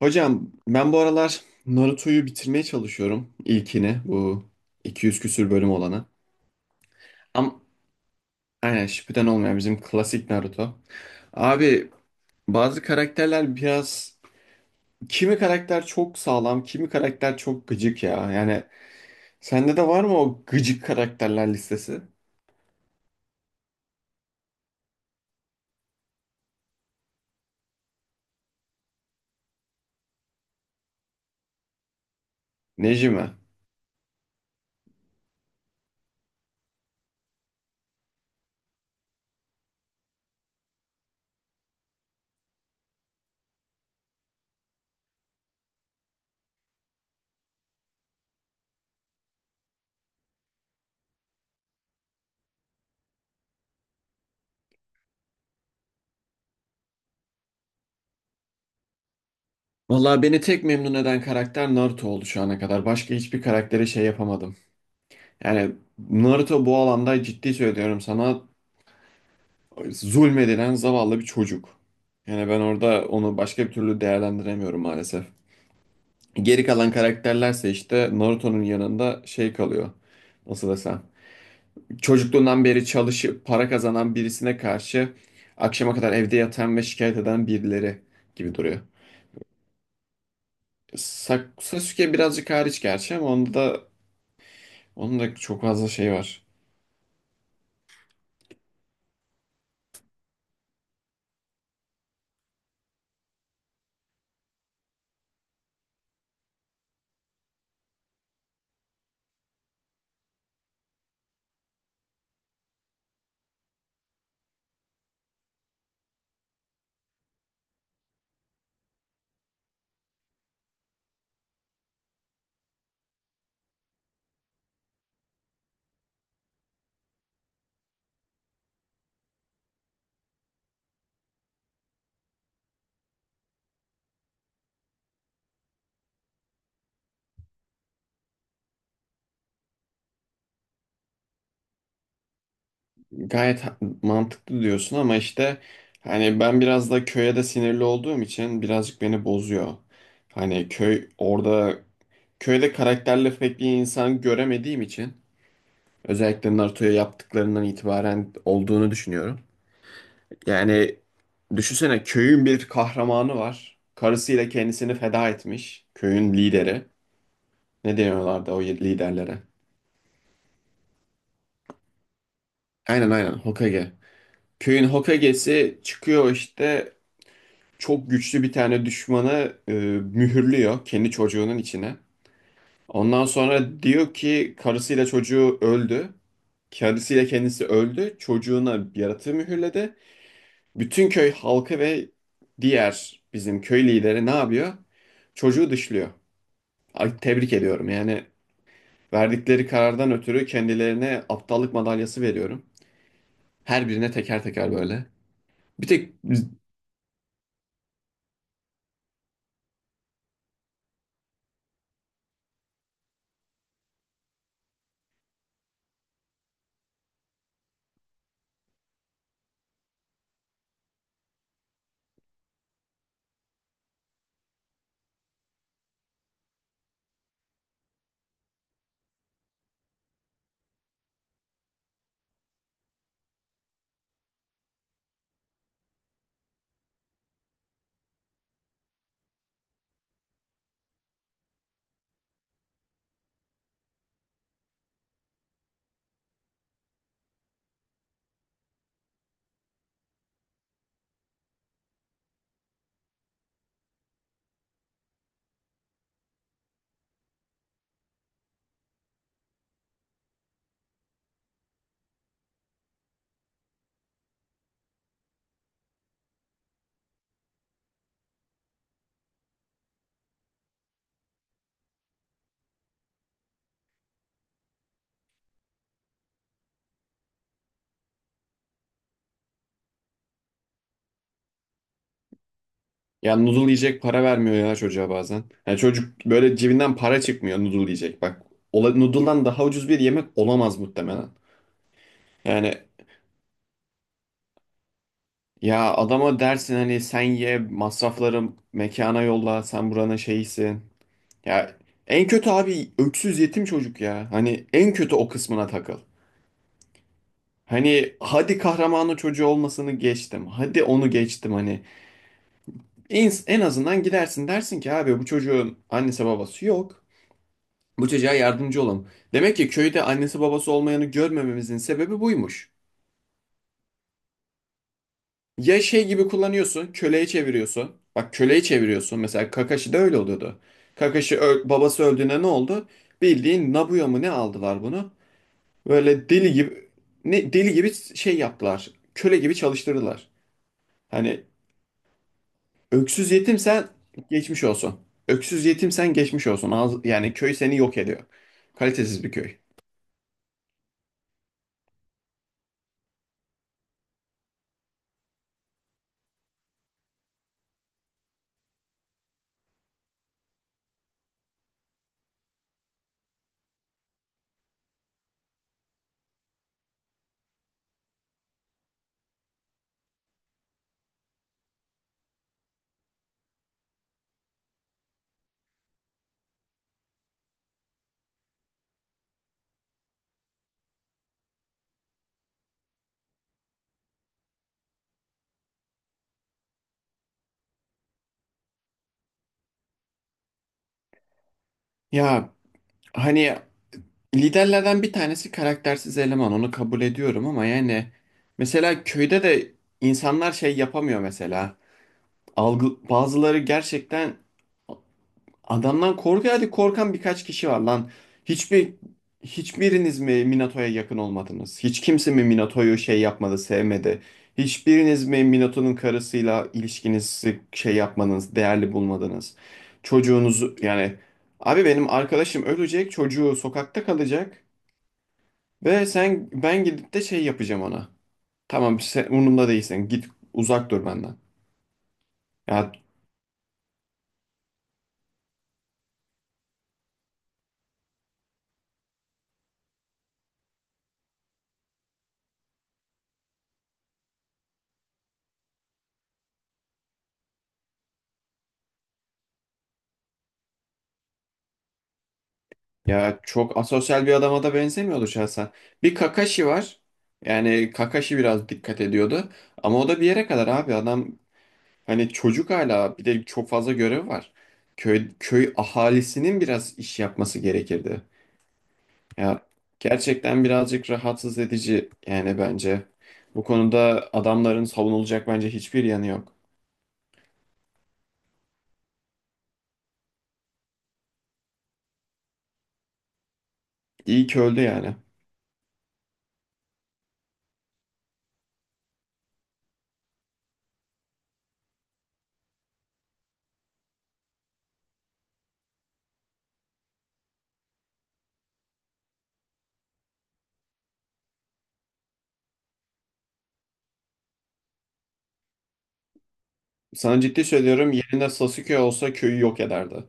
Hocam ben bu aralar Naruto'yu bitirmeye çalışıyorum. İlkini, bu 200 küsür bölüm olanı. Ama aynen, Shippuden olmayan bizim klasik Naruto. Abi bazı karakterler biraz, kimi karakter çok sağlam, kimi karakter çok gıcık ya. Yani sende de var mı o gıcık karakterler listesi? Nejime. Vallahi beni tek memnun eden karakter Naruto oldu şu ana kadar. Başka hiçbir karaktere şey yapamadım. Yani Naruto bu alanda, ciddi söylüyorum sana, zulmedilen zavallı bir çocuk. Yani ben orada onu başka bir türlü değerlendiremiyorum maalesef. Geri kalan karakterlerse işte Naruto'nun yanında şey kalıyor. Nasıl desem. Çocukluğundan beri çalışıp para kazanan birisine karşı akşama kadar evde yatan ve şikayet eden birileri gibi duruyor. Sasuke birazcık hariç gerçi, ama onda da, onun da çok fazla şey var. Gayet mantıklı diyorsun, ama işte hani ben biraz da köye de sinirli olduğum için birazcık beni bozuyor. Hani köy orada, köyde karakterli pek bir insan göremediğim için, özellikle Naruto'ya yaptıklarından itibaren olduğunu düşünüyorum. Yani düşünsene, köyün bir kahramanı var. Karısıyla kendisini feda etmiş. Köyün lideri. Ne deniyorlardı o liderlere? Aynen aynen, Hokage. Köyün Hokage'si çıkıyor işte, çok güçlü bir tane düşmanı mühürlüyor kendi çocuğunun içine. Ondan sonra diyor ki, karısıyla çocuğu öldü. Karısıyla kendisi öldü. Çocuğuna bir yaratığı mühürledi. Bütün köy halkı ve diğer bizim köy lideri ne yapıyor? Çocuğu dışlıyor. Ay, tebrik ediyorum. Yani verdikleri karardan ötürü kendilerine aptallık madalyası veriyorum. Her birine teker teker, böyle. Bir tek. Ya noodle yiyecek para vermiyor ya çocuğa bazen. Yani çocuk böyle, cebinden para çıkmıyor noodle yiyecek. Bak noodle'dan daha ucuz bir yemek olamaz muhtemelen. Yani, ya adama dersin hani, sen ye masrafları mekana yolla, sen buranın şeyisin. Ya en kötü abi öksüz yetim çocuk ya. Hani en kötü o kısmına takıl. Hani hadi kahramanı çocuğu olmasını geçtim. Hadi onu geçtim hani. En azından gidersin, dersin ki abi bu çocuğun annesi babası yok. Bu çocuğa yardımcı olalım. Demek ki köyde annesi babası olmayanı görmememizin sebebi buymuş. Ya şey gibi kullanıyorsun, köleye çeviriyorsun. Bak, köleye çeviriyorsun. Mesela Kakashi de öyle oluyordu. Kakashi babası öldüğünde ne oldu? Bildiğin Nabuya mı ne aldılar bunu? Böyle deli gibi, ne deli gibi şey yaptılar. Köle gibi çalıştırdılar. Hani öksüz yetimsen geçmiş olsun. Öksüz yetimsen geçmiş olsun. Yani köy seni yok ediyor. Kalitesiz bir köy. Ya hani liderlerden bir tanesi karaktersiz eleman, onu kabul ediyorum, ama yani mesela köyde de insanlar şey yapamıyor mesela. Algı, bazıları gerçekten adamdan korkuyor. Hadi korkan birkaç kişi var lan. Hiçbir hiçbiriniz mi Minato'ya yakın olmadınız? Hiç kimse mi Minato'yu şey yapmadı, sevmedi? Hiçbiriniz mi Minato'nun karısıyla ilişkinizi şey yapmadınız, değerli bulmadınız? Çocuğunuzu yani, abi benim arkadaşım ölecek, çocuğu sokakta kalacak. Ve sen, ben gidip de şey yapacağım ona. Tamam sen umurumda değilsin. Git, uzak dur benden. Ya ya çok asosyal bir adama da benzemiyordu şahsen. Bir Kakashi var. Yani Kakashi biraz dikkat ediyordu. Ama o da bir yere kadar, abi adam, hani çocuk hala, bir de çok fazla görev var. Köy ahalisinin biraz iş yapması gerekirdi. Ya gerçekten birazcık rahatsız edici yani bence. Bu konuda adamların savunulacak bence hiçbir yanı yok. İyi ki öldü yani. Sana ciddi söylüyorum, yerine Sasuke olsa köyü yok ederdi.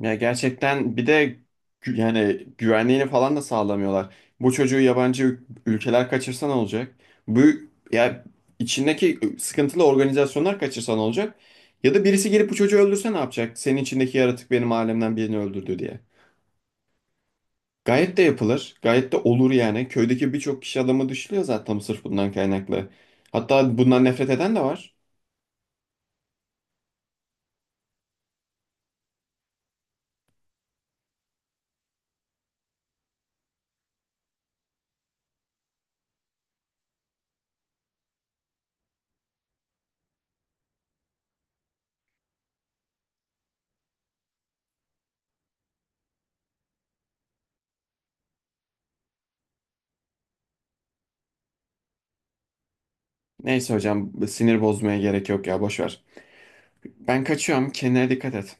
Ya gerçekten bir de yani güvenliğini falan da sağlamıyorlar. Bu çocuğu yabancı ülkeler kaçırsa ne olacak? Bu, ya içindeki sıkıntılı organizasyonlar kaçırsa ne olacak? Ya da birisi gelip bu çocuğu öldürse ne yapacak? Senin içindeki yaratık benim alemden birini öldürdü diye. Gayet de yapılır. Gayet de olur yani. Köydeki birçok kişi adamı dışlıyor zaten sırf bundan kaynaklı. Hatta bundan nefret eden de var. Neyse hocam, sinir bozmaya gerek yok ya, boş ver. Ben kaçıyorum. Kendine dikkat et.